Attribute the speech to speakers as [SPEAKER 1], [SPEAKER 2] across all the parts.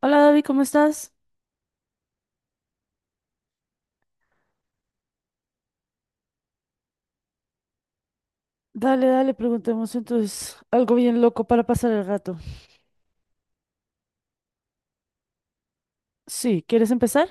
[SPEAKER 1] Hola David, ¿cómo estás? Dale, dale, preguntemos entonces algo bien loco para pasar el rato. Sí, ¿quieres empezar?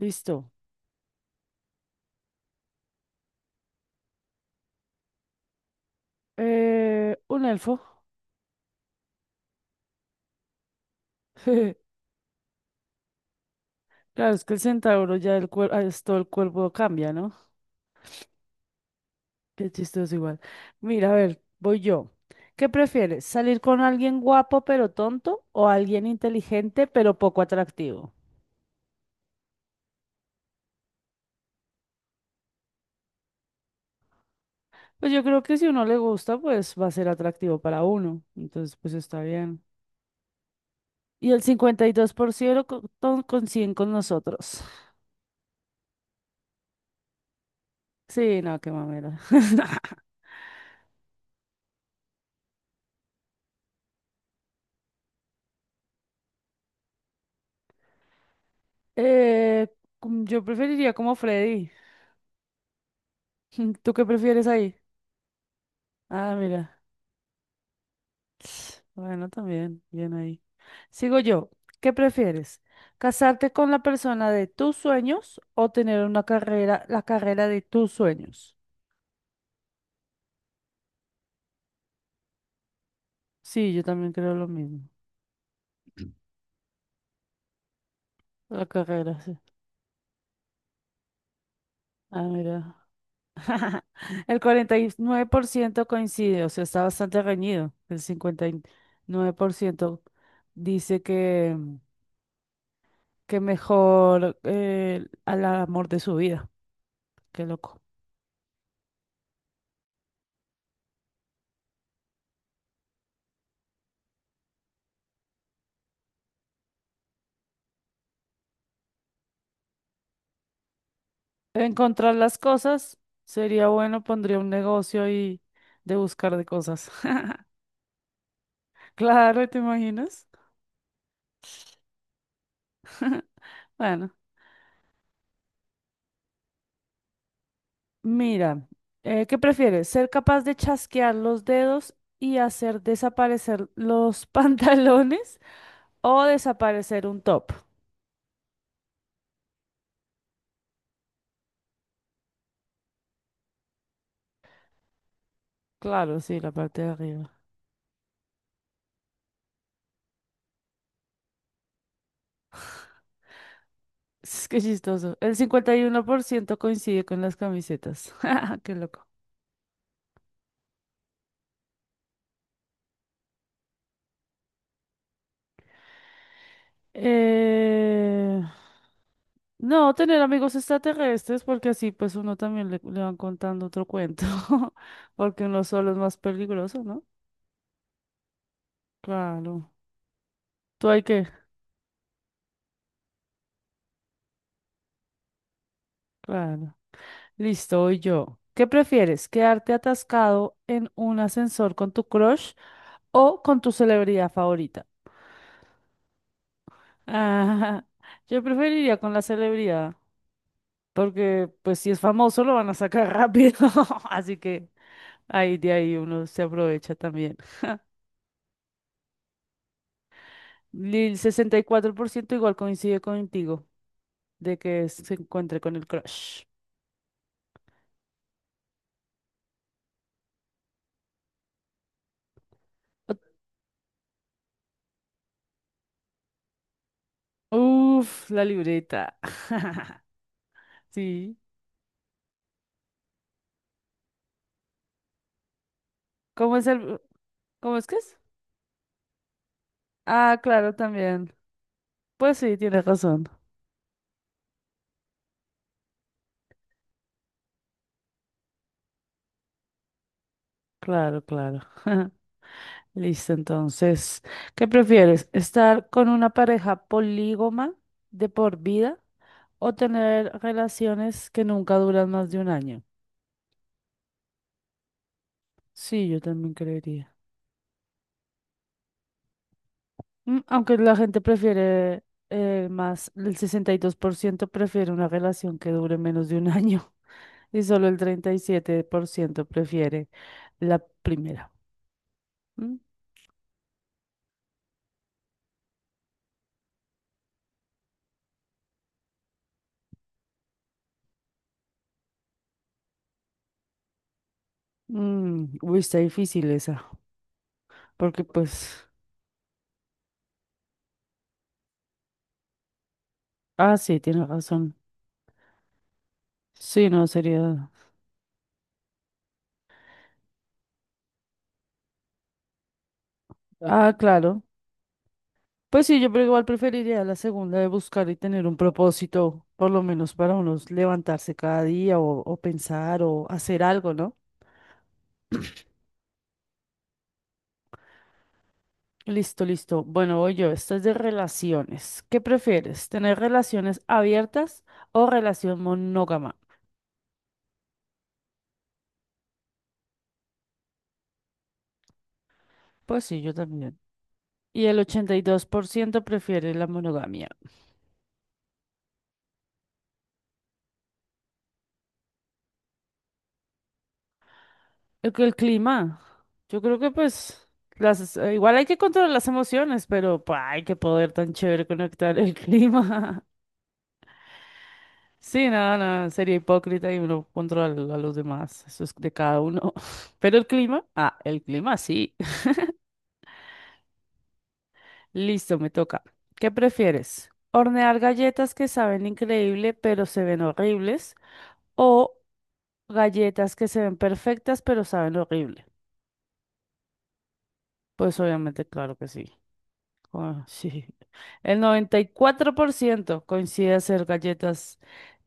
[SPEAKER 1] Listo. Un elfo. Claro, es que el centauro ya el cuerpo, todo el cuerpo cambia, ¿no? Qué chistoso igual. Mira, a ver, voy yo. ¿Qué prefieres? ¿Salir con alguien guapo pero tonto o alguien inteligente pero poco atractivo? Pues yo creo que si uno le gusta, pues va a ser atractivo para uno. Entonces, pues está bien. Y el 52% con 100 con nosotros. Sí, no, qué mamera. Eh, yo preferiría como Freddy. ¿Tú qué prefieres ahí? Ah, mira. Bueno, también, bien ahí. Sigo yo. ¿Qué prefieres? ¿Casarte con la persona de tus sueños o tener una carrera, la carrera de tus sueños? Sí, yo también creo lo mismo. La carrera, sí. Ah, mira. El 49% coincide, o sea, está bastante reñido. El 59% dice que mejor al amor de su vida. Qué loco. Encontrar las cosas sería bueno, pondría un negocio y de buscar de cosas. Claro, ¿te imaginas? Bueno, mira, ¿qué prefieres? ¿Ser capaz de chasquear los dedos y hacer desaparecer los pantalones o desaparecer un top? Claro, sí, la parte de arriba. Es que chistoso. El 51% coincide con las camisetas. Qué loco. Eh... No, tener amigos extraterrestres, porque así pues uno también le van contando otro cuento, porque uno solo es más peligroso, ¿no? Claro. ¿Tú hay que? Claro. Listo, voy yo. ¿Qué prefieres? ¿Quedarte atascado en un ascensor con tu crush o con tu celebridad favorita? Ah, yo preferiría con la celebridad. Porque pues si es famoso lo van a sacar rápido. Así que ahí de ahí uno se aprovecha también. Y el 64% igual coincide contigo de que se encuentre con el crush. Ot- Uf, la libreta. Sí. ¿Cómo es el... ¿Cómo es que es? Ah, claro, también. Pues sí, tienes razón. Claro, claro. Listo, entonces, ¿qué prefieres? ¿Estar con una pareja polígoma de por vida? O tener relaciones que nunca duran más de un año. Sí, yo también creería. Aunque la gente prefiere más, el 62% prefiere una relación que dure menos de un año y solo el 37% prefiere la primera. Mm, uy, está difícil esa, porque pues, ah, sí, tiene razón. Sí, no, sería... Ah, claro, pues sí, yo pero igual preferiría la segunda de buscar y tener un propósito, por lo menos para unos levantarse cada día o pensar o hacer algo, ¿no? Listo, listo. Bueno, voy yo, esto es de relaciones. ¿Qué prefieres? ¿Tener relaciones abiertas o relación monógama? Pues sí, yo también. Y el 82% prefiere la monogamia. El clima. Yo creo que pues las, igual hay que controlar las emociones, pero pues, hay que poder tan chévere conectar el clima. Sí, nada, nada, sería hipócrita y no controlar a los demás. Eso es de cada uno. Pero el clima, ah, el clima sí. Listo, me toca. ¿Qué prefieres? ¿Hornear galletas que saben increíble pero se ven horribles? ¿O galletas que se ven perfectas pero saben horrible? Pues obviamente, claro que sí. Ah, sí. El 94% coincide hacer galletas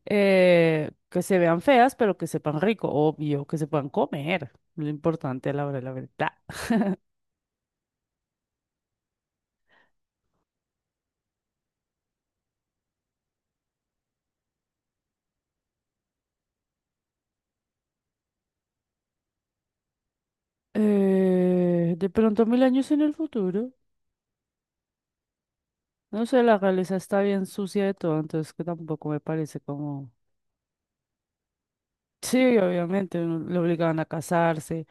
[SPEAKER 1] que se vean feas, pero que sepan rico, obvio, que se puedan comer. Lo importante a la hora de la verdad. De pronto 1000 años en el futuro. No sé, la realeza está bien sucia de todo, entonces que tampoco me parece como... Sí, obviamente, uno- le obligaban a casarse,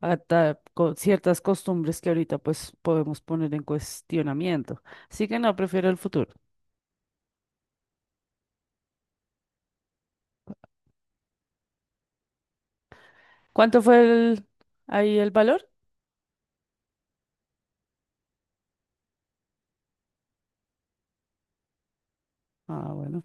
[SPEAKER 1] ciertas costumbres que ahorita pues podemos poner en cuestionamiento. Así que no, prefiero el futuro. ¿Cuánto fue el, ahí el valor? Ah, bueno.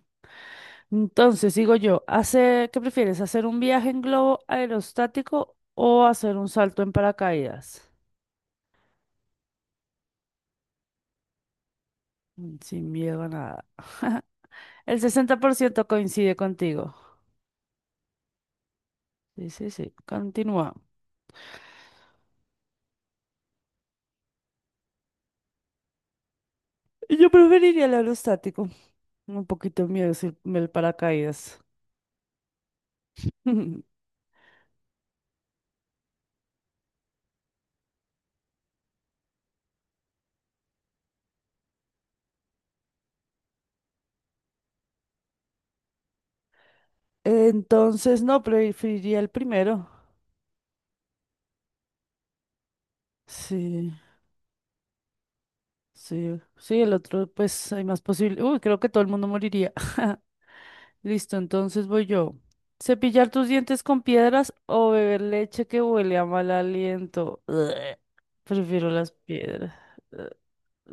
[SPEAKER 1] Entonces, digo yo, hace, ¿qué prefieres? ¿Hacer un viaje en globo aerostático o hacer un salto en paracaídas? Sin miedo a nada. El 60% coincide contigo. Sí, sí, sí. Continúa. Yo preferiría el aerostático. Un poquito miedo si el paracaídas. Entonces, no, preferiría el primero. Sí, sí, sí, el otro, pues hay más posible. Uy, creo que todo el mundo moriría. Listo, entonces voy yo. Cepillar tus dientes con piedras o beber leche que huele a mal aliento. Ugh. Prefiero las piedras. Ugh.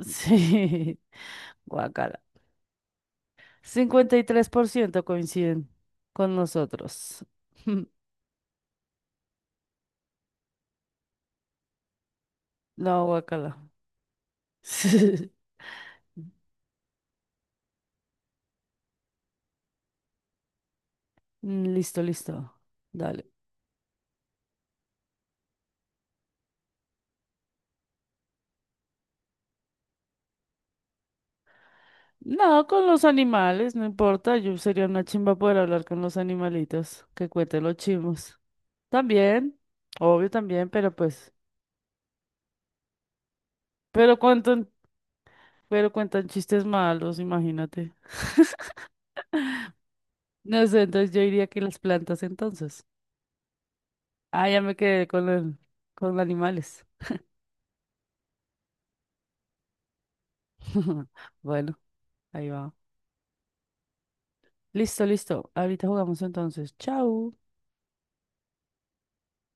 [SPEAKER 1] Sí, guacala. 53% coinciden con nosotros. No, guacala. Mm. Listo, listo. Dale. No, con los animales, no importa. Yo sería una chimba poder hablar con los animalitos. Que cuente los chimos. También, obvio también, pero pues. Pero cuentan, pero cuentan chistes malos, imagínate. No sé, entonces yo diría que las plantas entonces. Ah, ya me quedé con animales. Bueno, ahí va. Listo, listo. Ahorita jugamos entonces. Chao.